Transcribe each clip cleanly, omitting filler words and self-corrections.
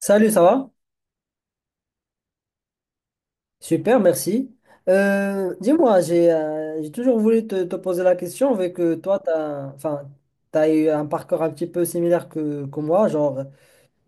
Salut, ça va? Super, merci. Dis-moi, j'ai toujours voulu te poser la question, vu que toi, tu as, enfin, t'as eu un parcours un petit peu similaire que moi. Genre,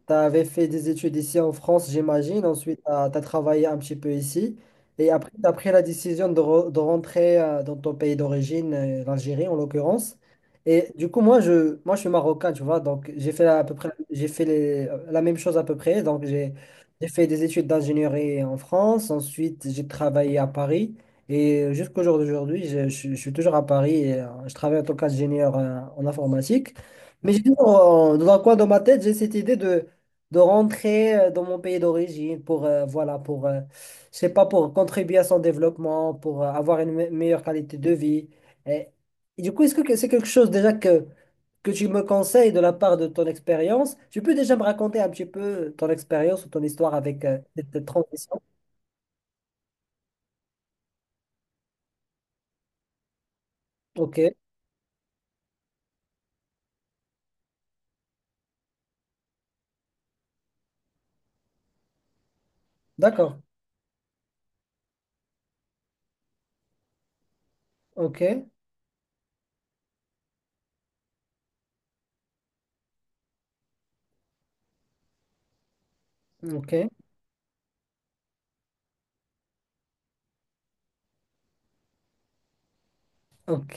tu avais fait des études ici en France, j'imagine. Ensuite, tu as travaillé un petit peu ici. Et après, tu as pris la décision de rentrer dans ton pays d'origine, l'Algérie en l'occurrence. Et du coup, moi, je suis marocain, tu vois. Donc, j'ai fait à peu près, la même chose à peu près. Donc, j'ai fait des études d'ingénierie en France. Ensuite, j'ai travaillé à Paris. Et jusqu'au jour d'aujourd'hui, je suis toujours à Paris et je travaille en tant qu'ingénieur en informatique. Mais j'ai toujours, dans un coin de ma tête, j'ai cette idée de rentrer dans mon pays d'origine pour, voilà, pour, je sais pas, pour contribuer à son développement, pour avoir une meilleure qualité de vie. Et, et du coup, est-ce que c'est quelque chose déjà que tu me conseilles de la part de ton expérience? Tu peux déjà me raconter un petit peu ton expérience ou ton histoire avec cette transition? Ok, d'accord. Ok, ok, ok.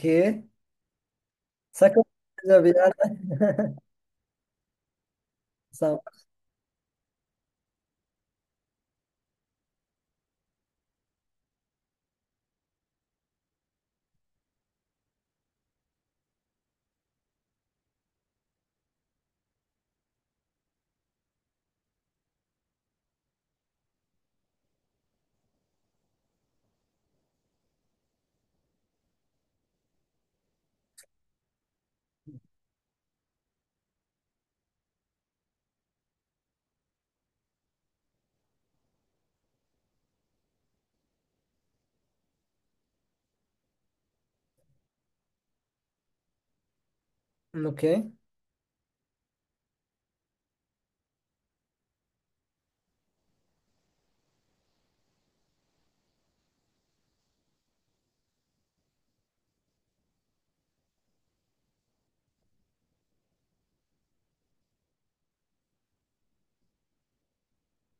Ça commence déjà bien, ça. Ok,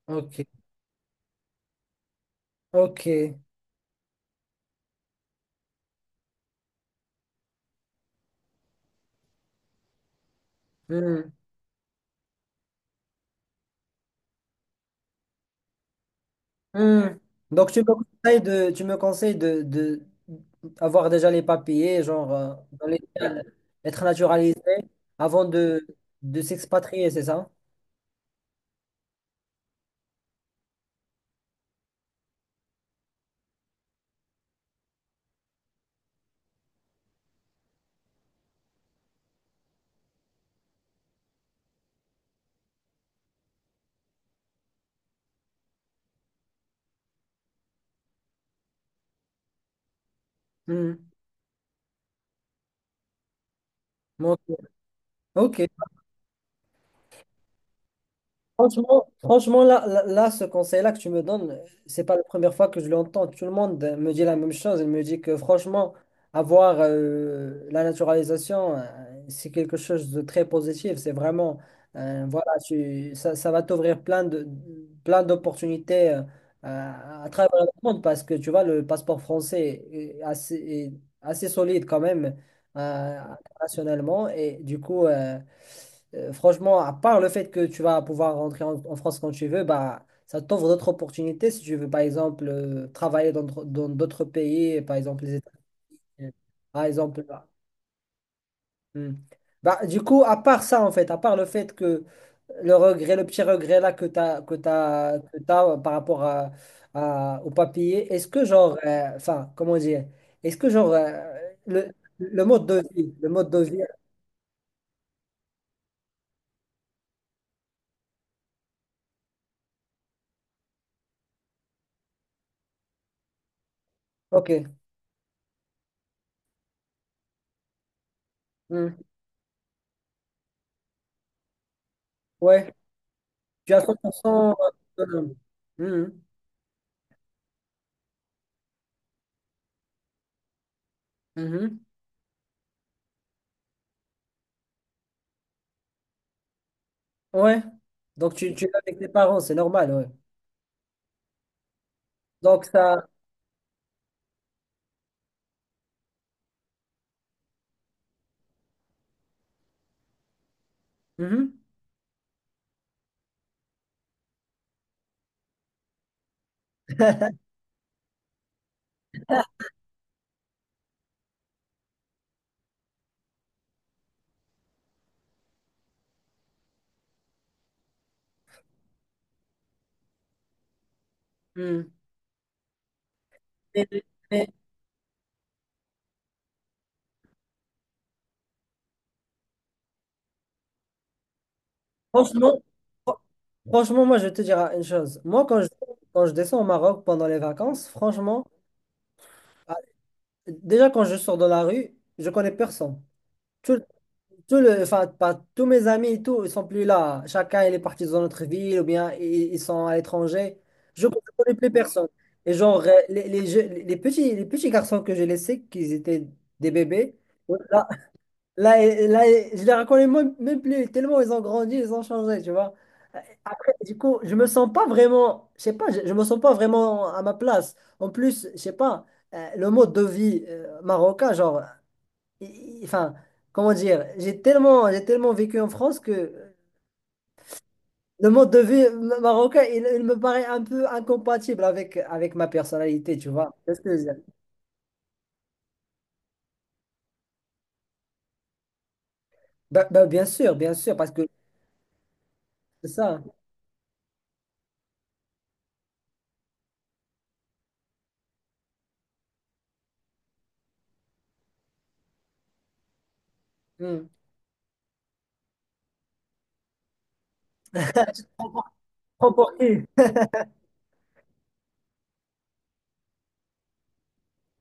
ok, ok. Hmm. Hmm. Donc tu me conseilles de, tu me conseilles de avoir déjà les papiers, genre être naturalisé avant de s'expatrier, c'est ça? Hmm. Bon, ok, franchement, franchement là, là, là, ce conseil-là que tu me donnes, c'est pas la première fois que je l'entends. Tout le monde me dit la même chose. Il me dit que franchement, avoir la naturalisation, c'est quelque chose de très positif. C'est vraiment, voilà, ça va t'ouvrir plein d'opportunités à travers le monde parce que tu vois, le passeport français est assez solide quand même euh, internationalement. Et du coup, franchement, à part le fait que tu vas pouvoir rentrer en France quand tu veux, bah, ça t'ouvre d'autres opportunités. Si tu veux, par exemple, travailler dans d'autres pays, par exemple les États-Unis, par exemple. Bah, hmm. Bah, du coup, à part ça, en fait, à part le fait que le regret, le petit regret là que tu as, que t'as par rapport au papier, est-ce que genre, enfin, comment dire, est-ce que genre, euh, le, le mode de vie, le mode de vie, ok, Hmm. ouais. Tu es à 100% autonome. Mhm. Mhm. Ouais. Donc, tu es avec tes parents, c'est normal, ouais. Donc, ça. Mhm. Mhm. Mais- mais franchement, fr- franchement, moi, je vais te dire une chose. Moi, quand je descends au Maroc pendant les vacances, franchement, ah, déjà, quand je sors dans la rue, je connais personne. Tout enfin, tous mes amis et tout, ils sont plus là. Chacun, il est parti dans notre ville ou bien ils sont à l'étranger. Je ne connais plus personne. Et genre, les petits garçons que j'ai laissés, qu'ils étaient des bébés, ouais, là, là, là, et je les reconnais même, même plus, tellement ils ont grandi, ils ont changé, tu vois. Du coup, je me sens pas vraiment, je sais pas, je me sens pas vraiment à ma place. En plus, je sais pas, le mode de vie marocain, genre, enfin, comment dire, j'ai tellement vécu en France que le mode de vie marocain, il me paraît un peu incompatible avec ma personnalité, tu vois. Qu'est-ce que je veux dire. Ben, bien sûr, parce que c'est ça, hein. Hmm. Prends pour qui?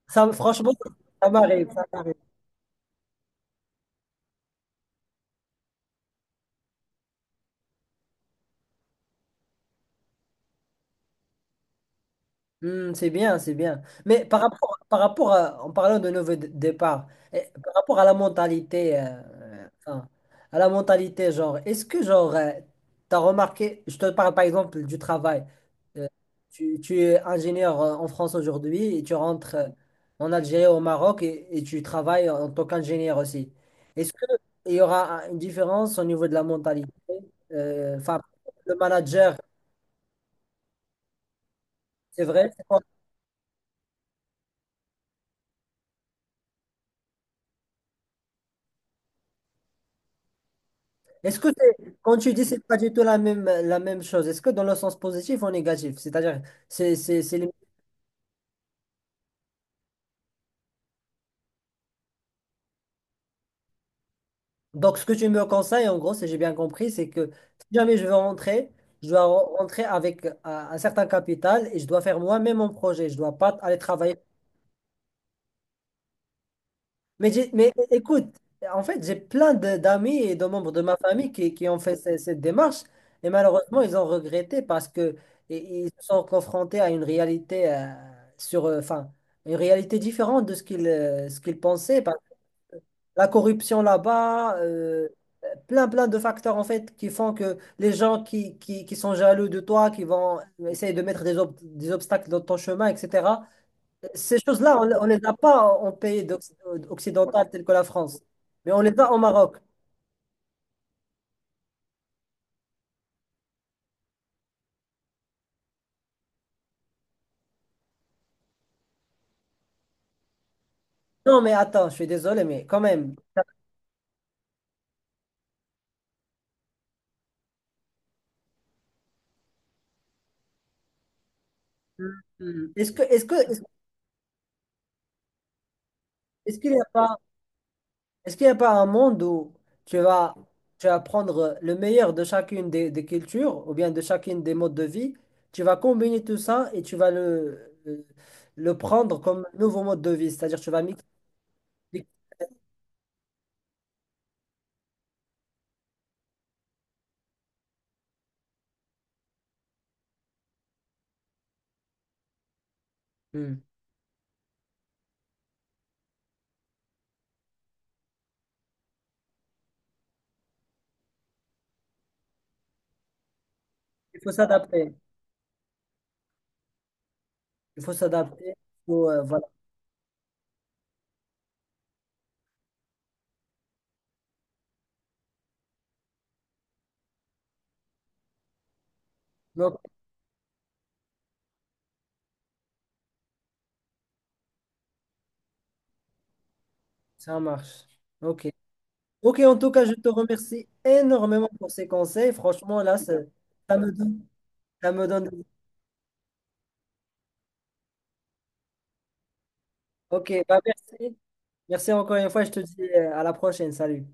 Ça, franchement, ça m'arrive, ça m'arrive. Hmm, c'est bien, c'est bien. Mais par rapport à, en parlant de nouveau départ, eh, par rapport à la mentalité, enfin, à la mentalité, genre, est-ce que, genre, tu as remarqué, je te parle par exemple du travail. Euh, tu es ingénieur en France aujourd'hui et tu rentres en Algérie, au Maroc et tu travailles en tant qu'ingénieur aussi. Est-ce qu'il y aura une différence au niveau de la mentalité? Enfin, le manager, c'est vrai? Est-ce que c'est, quand tu dis c'est pas du tout la même chose, est-ce que dans le sens positif ou négatif? C'est-à-dire. c'est, c'est, c'est lim- Donc, ce que tu me conseilles, en gros, si j'ai bien compris, c'est que si jamais je veux rentrer, je dois rentrer avec un certain capital et je dois faire moi-même mon projet. Je dois pas aller travailler. Mais, écoute, en fait, j'ai plein d'amis et de membres de ma famille qui ont fait cette démarche et malheureusement, ils ont regretté parce que i- ils se sont confrontés à une réalité enfin, une réalité différente de ce qu'ils pensaient. La corruption là-bas, plein plein de facteurs en fait qui font que les gens qui sont jaloux de toi, qui vont essayer de mettre des obstacles dans ton chemin, etc. Ces choses-là, on les a pas en pays occidental tel que la France, mais on les a au Maroc. Non, mais attends, je suis désolé, mais quand même, est-ce que, est-ce que, est-ce qu'il n'y a pas, est-ce qu'il n'y a pas un monde où tu vas, tu vas prendre le meilleur de chacune des cultures ou bien de chacune des modes de vie, tu vas combiner tout ça et tu vas le prendre comme nouveau mode de vie, c'est-à-dire tu vas mixer. Hmm. Il faut s'adapter, il faut s'adapter, il faut, voilà. Donc, ça marche. Ok. Ok, en tout cas, je te remercie énormément pour ces conseils. Franchement, là, ça me donne, ça me donne. Ok, bah merci. Merci encore une fois. Je te dis à la prochaine. Salut.